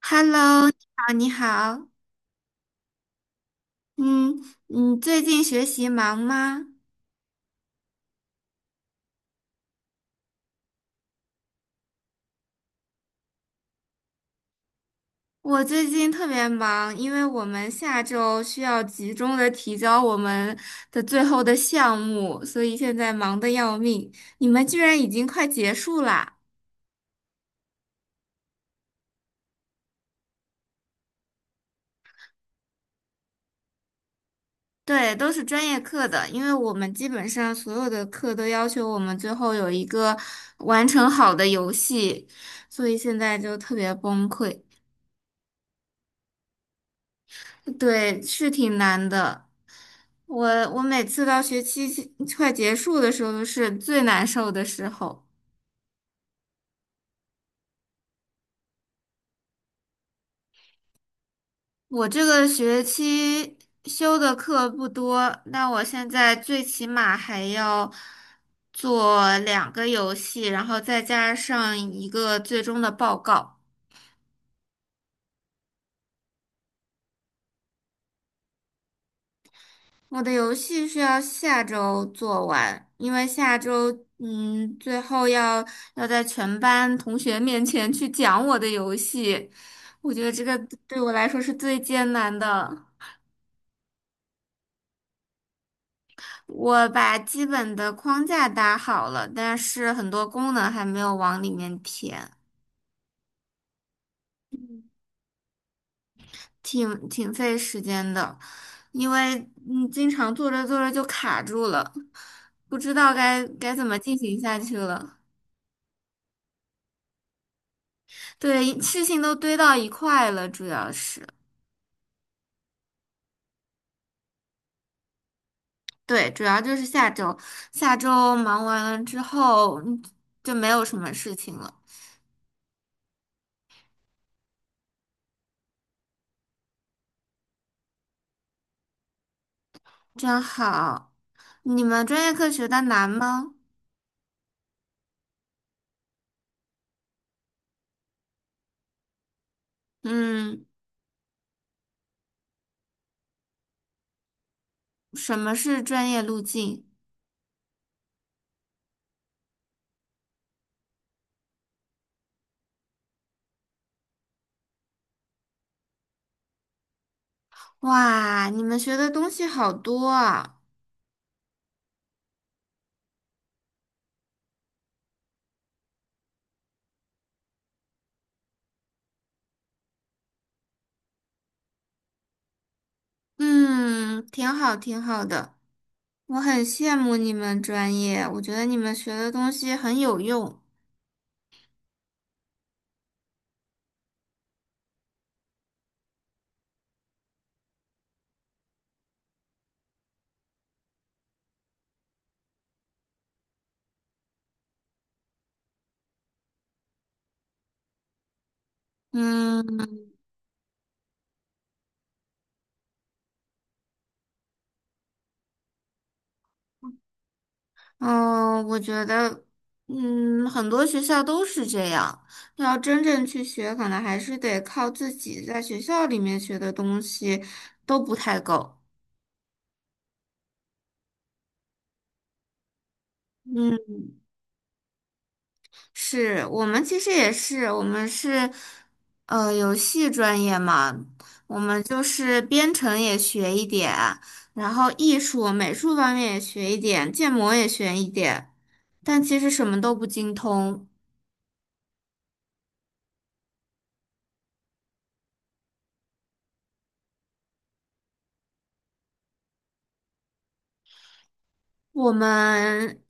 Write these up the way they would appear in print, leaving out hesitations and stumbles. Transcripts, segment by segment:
Hello，你好，你好，嗯，你最近学习忙吗？我最近特别忙，因为我们下周需要集中的提交我们的最后的项目，所以现在忙得要命。你们居然已经快结束啦？对，都是专业课的，因为我们基本上所有的课都要求我们最后有一个完成好的游戏，所以现在就特别崩溃。对，是挺难的。我我每次到学期快结束的时候是最难受的时候。我这个学期修的课不多，那我现在最起码还要做两个游戏，然后再加上一个最终的报告。我的游戏是要下周做完，因为下周最后要在全班同学面前去讲我的游戏，我觉得这个对我来说是最艰难的。我把基本的框架搭好了，但是很多功能还没有往里面填，挺费时间的，因为经常做着做着就卡住了，不知道该怎么进行下去了。对，事情都堆到一块了，主要是，对，主要就是下周，下周忙完了之后，嗯就没有什么事情了，真好。你们专业课学的难吗？嗯，什么是专业路径？哇，你们学的东西好多啊。嗯，挺好，挺好的。我很羡慕你们专业，我觉得你们学的东西很有用。嗯。嗯，我觉得，嗯，很多学校都是这样。要真正去学，可能还是得靠自己，在学校里面学的东西都不太够。嗯，是我们其实也是，我们是游戏专业嘛，我们就是编程也学一点，然后艺术、美术方面也学一点，建模也学一点，但其实什么都不精通。我们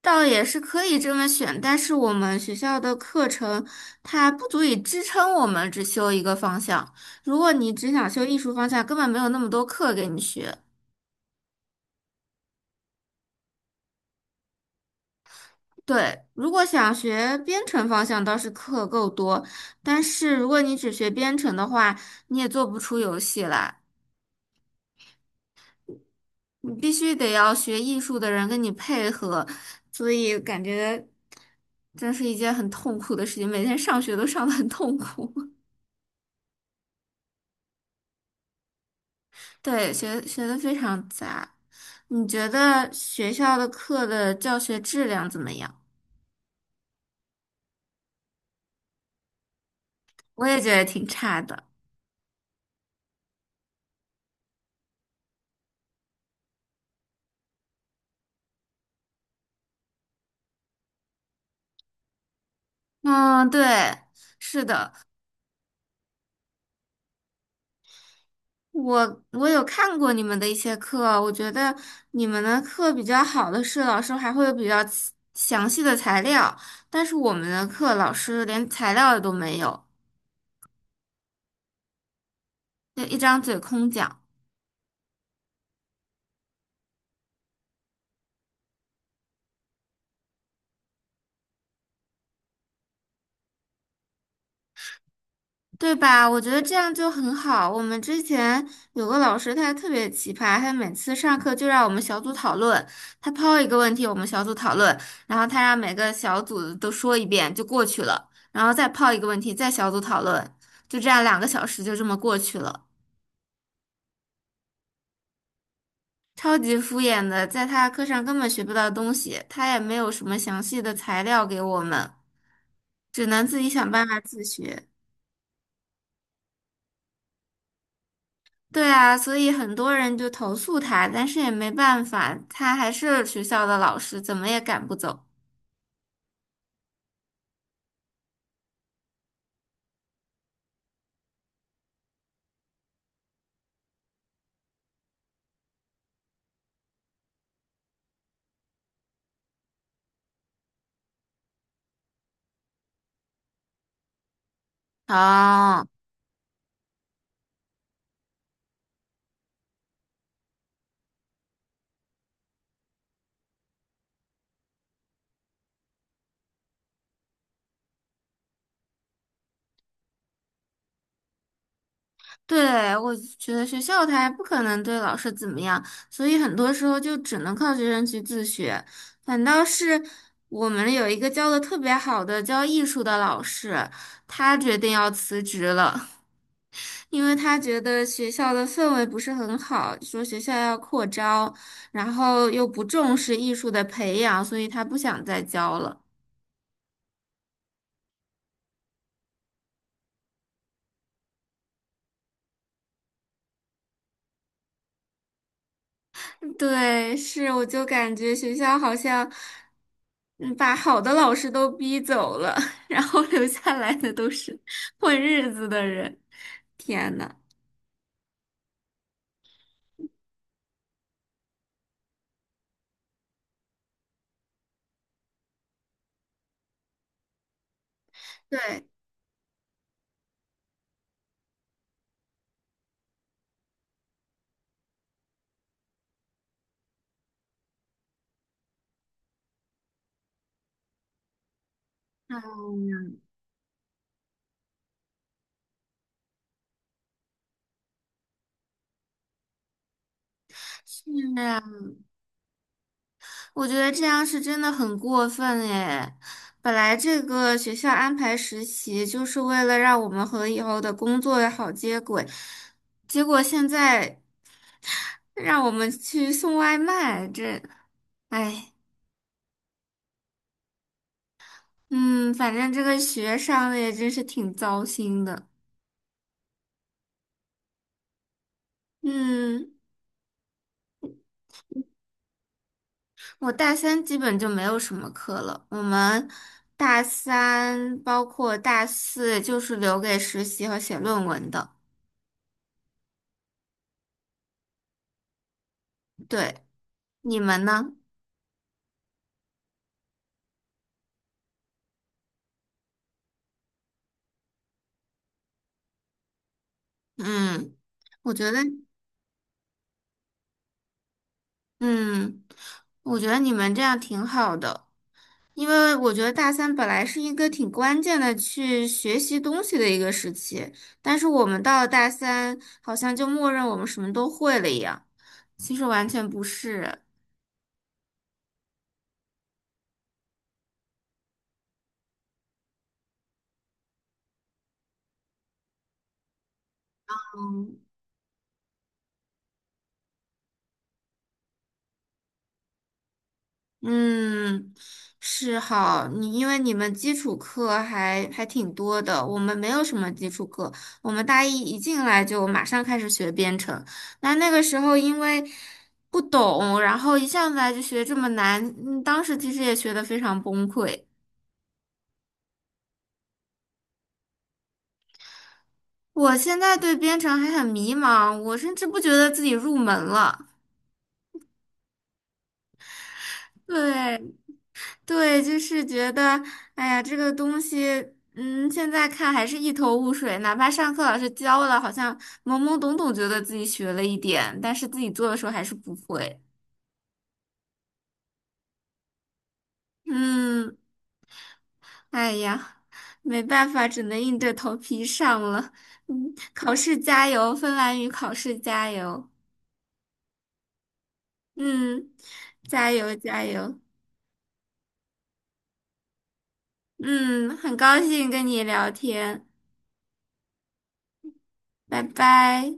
倒也是可以这么选，但是我们学校的课程它不足以支撑我们只修一个方向。如果你只想修艺术方向，根本没有那么多课给你学。对，如果想学编程方向，倒是课够多，但是如果你只学编程的话，你也做不出游戏来，你必须得要学艺术的人跟你配合，所以感觉真是一件很痛苦的事情，每天上学都上得很痛苦。对，学的非常杂。你觉得学校的课的教学质量怎么样？我也觉得挺差的。嗯，对，是的，我有看过你们的一些课，我觉得你们的课比较好的是老师还会有比较详细的材料，但是我们的课老师连材料都没有，就一张嘴空讲。对吧？我觉得这样就很好。我们之前有个老师，他特别奇葩，他每次上课就让我们小组讨论，他抛一个问题，我们小组讨论，然后他让每个小组都说一遍就过去了，然后再抛一个问题，再小组讨论，就这样两个小时就这么过去了，超级敷衍的，在他课上根本学不到东西，他也没有什么详细的材料给我们，只能自己想办法自学。对啊，所以很多人就投诉他，但是也没办法，他还是学校的老师，怎么也赶不走。哦，对，我觉得学校他还不可能对老师怎么样，所以很多时候就只能靠学生去自学。反倒是我们有一个教的特别好的教艺术的老师，他决定要辞职了。因为他觉得学校的氛围不是很好，说学校要扩招，然后又不重视艺术的培养，所以他不想再教了。对，是，我就感觉学校好像嗯把好的老师都逼走了，然后留下来的都是混日子的人。天呐，对，哎呀，是啊我觉得这样是真的很过分诶，本来这个学校安排实习就是为了让我们和以后的工作好接轨，结果现在让我们去送外卖，这，哎，嗯，反正这个学上的也真是挺糟心的。嗯，我大三基本就没有什么课了。我们大三包括大四就是留给实习和写论文的。对，你们呢？嗯，我觉得，嗯，我觉得你们这样挺好的，因为我觉得大三本来是一个挺关键的去学习东西的一个时期，但是我们到了大三，好像就默认我们什么都会了一样，其实完全不是。嗯，是好，你因为你们基础课还挺多的，我们没有什么基础课，我们大一一进来就马上开始学编程，那个时候因为不懂，然后一上来就学这么难，嗯，当时其实也学得非常崩溃。我现在对编程还很迷茫，我甚至不觉得自己入门了。对。对，就是觉得，哎呀，这个东西，嗯，现在看还是一头雾水。哪怕上课老师教了，好像懵懵懂懂，觉得自己学了一点，但是自己做的时候还是不会。嗯，哎呀，没办法，只能硬着头皮上了。嗯，考试加油，芬兰语考试加油。嗯，加油加油。嗯，很高兴跟你聊天，拜拜。